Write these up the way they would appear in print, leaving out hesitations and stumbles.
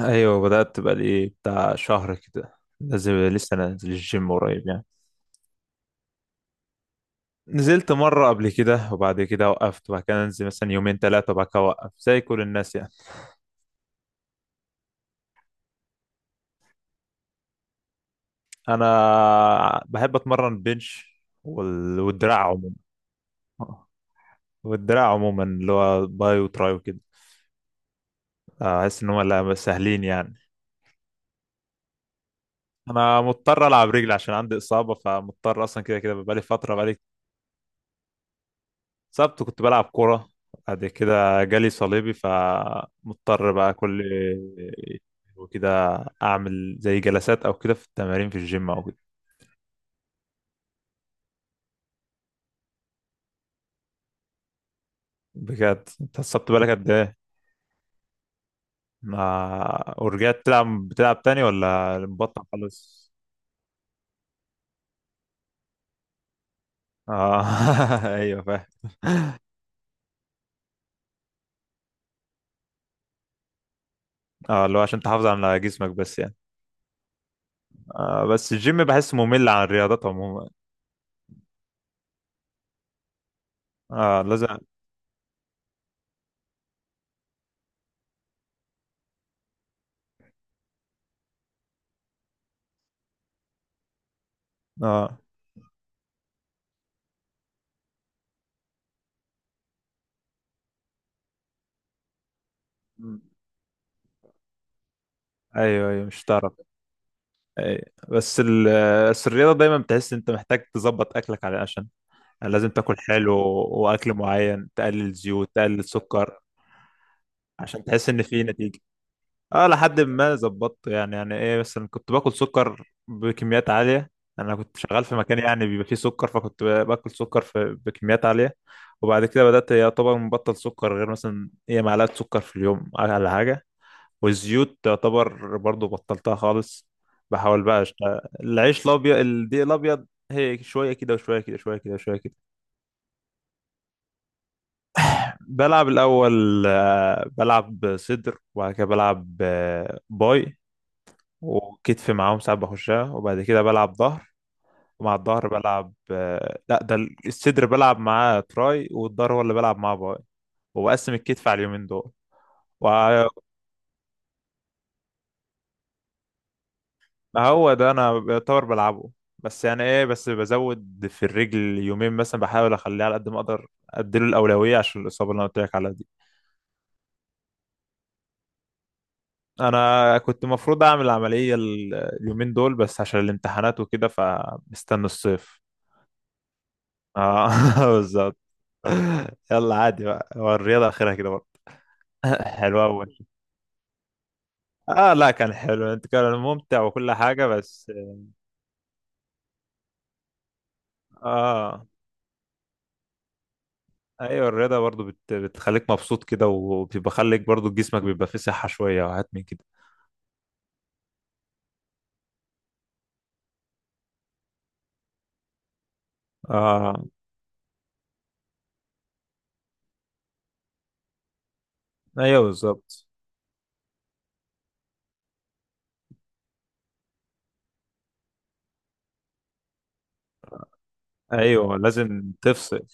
ايوه، بدأت بقى لي بتاع شهر كده. لازم لسه انا انزل الجيم قريب يعني. نزلت مرة قبل كده وبعد كده وقفت، وبعد كده انزل مثلا يومين ثلاثة وبعد كده اوقف زي كل الناس يعني. انا بحب اتمرن بنش وال... والدراع عموما والدراع عموما اللي هو باي وتراي وكده. احس ان هم لا سهلين يعني. انا مضطر العب رجل عشان عندي اصابة، فمضطر اصلا كده كده بقالي فترة. سبت كنت بلعب كورة. بعد كده جالي صليبي فمضطر بقى كل وكده. أعمل زي جلسات أو كده في التمارين في الجيم أو كده. بجد أنت السبت بالك قد إيه؟ ما ورجعت بتلعب تاني ولا مبطل خالص؟ آه، أيوه فاهم. آه، اللي هو عشان تحافظ على جسمك بس يعني. آه، بس الجيم بحس ممل عن الرياضات عموما. آه، لازم. آه، أيوه أيوه، مش هتعرف. أي. بس الرياضة دايما بتحس انت محتاج تظبط اكلك على عشان يعني لازم تاكل حلو، واكل معين، تقلل زيوت، تقلل سكر، عشان تحس ان في نتيجة. اه، لحد ما ظبطت يعني ايه، مثلا كنت باكل سكر بكميات عالية. انا كنت شغال في مكان يعني بيبقى فيه سكر، فكنت باكل سكر في بكميات عالية. وبعد كده بدأت يعتبر مبطل سكر، غير مثلا ايه، معلقة سكر في اليوم على حاجة. والزيوت تعتبر برضو بطلتها خالص. بحاول بقى. العيش الابيض، الدقيق الابيض، هي شويه كده وشويه كده، شويه كده وشويه كده. بلعب الاول بلعب صدر، وبعد كده بلعب باي، وكتف معاهم ساعات بخشها، وبعد كده بلعب ظهر. ومع الظهر بلعب لا ده، الصدر بلعب معاه تراي، والظهر هو اللي بلعب معاه باي. وبقسم الكتف على اليومين دول. ما هو ده انا بيعتبر بلعبه. بس يعني ايه، بس بزود في الرجل يومين مثلا، بحاول اخليه على قد ما اقدر اديله الاولويه عشان الاصابه اللي انا قلت لك عليها دي. انا كنت المفروض اعمل العمليه اليومين دول، بس عشان الامتحانات وكده فمستني الصيف. اه، بالظبط. يلا عادي بقى، هو الرياضه اخرها كده برضه. حلو أوي. اه، لا كان حلو انت، كان ممتع وكل حاجه بس. اه ايوه، الرياضه برضو بتخليك مبسوط كده، وبيبقى خليك برضو جسمك بيبقى فيه صحه شويه وحاجات من كده. اه. ايوه بالظبط. ايوه لازم تفصل.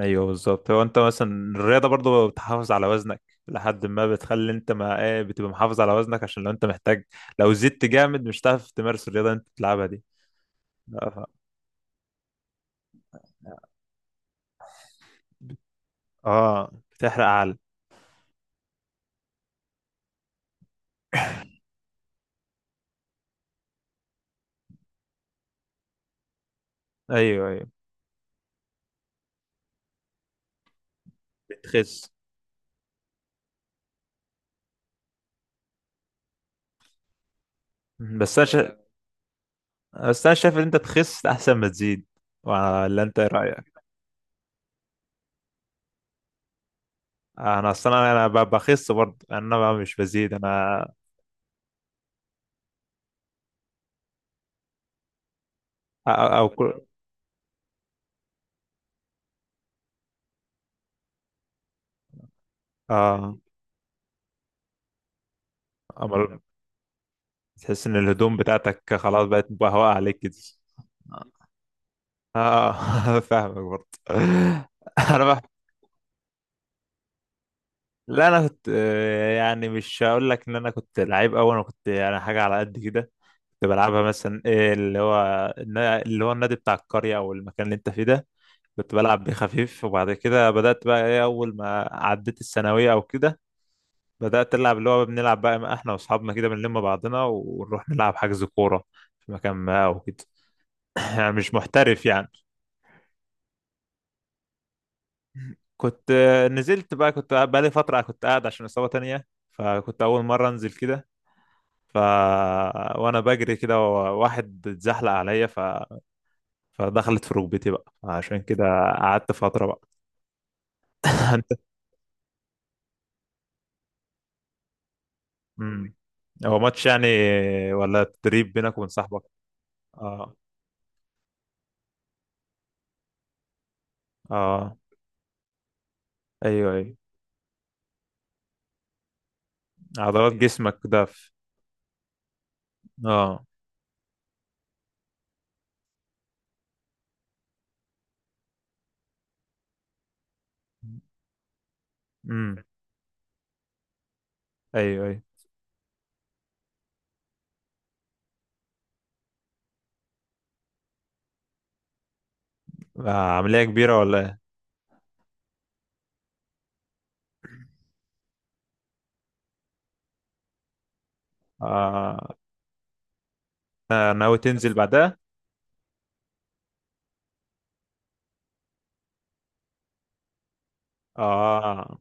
ايوه بالظبط، هو انت مثلا الرياضه برضو بتحافظ على وزنك. لحد ما بتخلي انت ما ايه بتبقى محافظ على وزنك عشان لو انت محتاج، لو زدت جامد مش هتعرف تمارس الرياضه اللي انت بتلعبها دي. اه. ف- آه، بتحرق عقل. ايوه ايوه، بتخس. بس انا شا... بس انا شايف ان انت تخس احسن ما تزيد. ولا انت ايه رايك؟ انا اصلا بخس برضه يعني، انا بقى مش بزيد انا. أو كل. اه أمر... تحس ان الهدوم بتاعتك خلاص بقت مبهوقة عليك كده. اه، فاهمك برضه. انا بقى. لا، انا كنت يعني مش هقول لك ان انا كنت لعيب قوي، انا كنت يعني حاجه على قد كده. كنت بلعبها مثلا إيه اللي هو اللي هو النادي بتاع القريه او المكان اللي انت فيه ده. كنت بلعب بيه خفيف، وبعد كده بدات بقى ايه اول ما عديت الثانويه او كده، بدأت ألعب اللي هو بنلعب بقى ما احنا واصحابنا كده بنلم بعضنا ونروح نلعب حجز كورة في مكان ما او كده. يعني مش محترف يعني. كنت نزلت بقى بقالي فترة كنت قاعد عشان إصابة تانية، فكنت أول مرة أنزل كده. ف وأنا بجري كده، واحد اتزحلق عليا. فدخلت في ركبتي بقى عشان كده. قعدت فترة بقى. أنت. مم. هو ماتش يعني ولا تدريب بينك وبين صاحبك؟ اه. اه ايوه ايوه. عضلات جسمك ده في. اه. امم. ايوه ايوه. آه، عملية كبيرة ولا ايه؟ آه آه، ناوي تنزل بعدها؟ اه.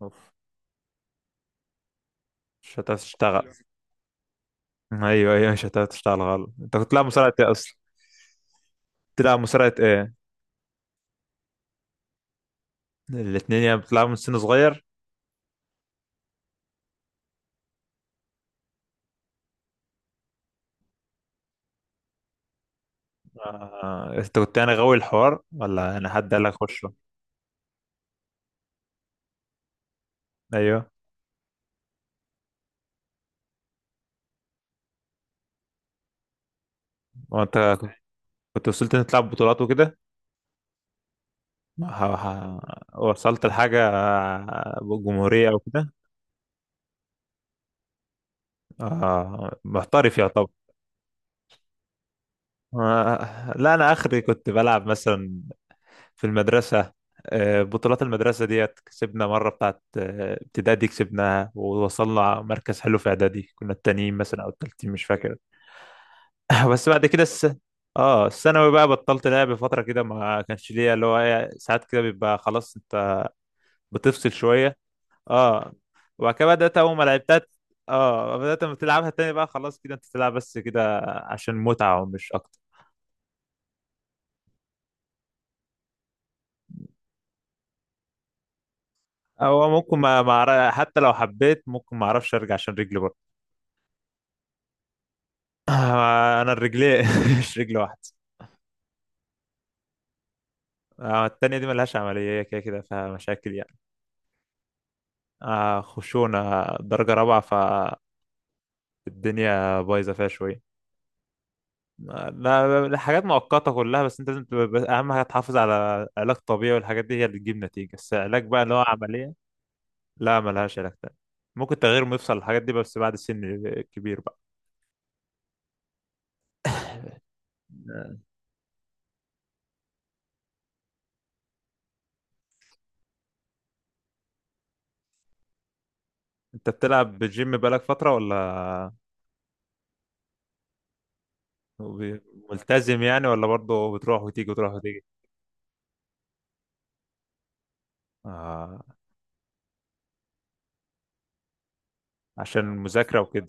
اوف. مش هتشتغل. ايوه ايوه مش هتشتغل غلط. انت كنت تلعب مصارعة ايه اصلا؟ تلعب مصارعة ايه؟ الاتنين يعني بتلعبوا من سن صغير؟ آه، انت كنت يعني غاوي الحوار ولا انا حد قال لك خش؟ ايوه. وانت كنت وصلت انك تلعب بطولات وكده؟ وصلت لحاجة جمهورية او كده؟ آه، محترف يعتبر. آه، لا انا اخري كنت بلعب مثلا في المدرسه. بطولات المدرسه ديت كسبنا مره بتاعت ابتدائي، كسبناها ووصلنا مركز حلو، في اعدادي كنا التانيين مثلا او التالتين مش فاكر. بس بعد كده الس... اه، الثانوي بقى بطلت لعب فتره كده، ما كانش ليا اللي هو إيه، ساعات كده بيبقى خلاص انت بتفصل شويه. اه. وبعد كده بدات اول ما لعبتها. اه، بدات لما تلعبها تاني بقى خلاص كده انت تلعب بس كده عشان متعه ومش اكتر. هو ممكن ما ما أعرف- حتى لو حبيت ممكن ما اعرفش ارجع عشان رجلي برضه. آه، انا الرجلين مش رجل واحده. آه، التانية دي ملهاش عملية، هي كده كده فيها مشاكل يعني. آه، خشونة درجة رابعة. فالدنيا بايظة فيها شوية. آه، لا لا، حاجات مؤقتة كلها، بس انت لازم تبقى بس أهم حاجة تحافظ على علاج طبيعي، والحاجات دي هي اللي تجيب نتيجة، بس علاج بقى اللي هو عملية. لا، ملهاش علاج تاني. ممكن تغيير مفصل الحاجات دي بس بعد سن كبير بقى. آه، انت بتلعب بالجيم بقالك فترة ولا؟ وبي- ملتزم يعني ولا برضه بتروح وتيجي وتروح وتيجي؟ آه، عشان المذاكرة وكده.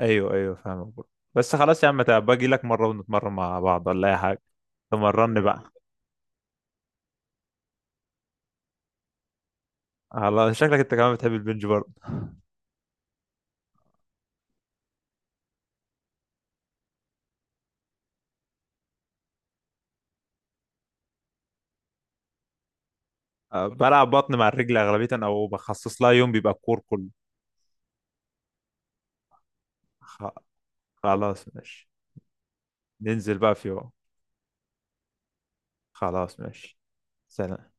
ايوه ايوه فاهمك برضه. بس خلاص يا عم، تعب، باجي لك مرة ونتمرن مع بعض ولا اي حاجة. تمرني بقى. على شكلك انت كمان بتحب البنج برضه. آه، بلعب بطن مع الرجل اغلبية او بخصص لها يوم بيبقى الكور كله. خ- خلاص ماشي. ننزل بقى في يوم. خلاص ماشي. سلام.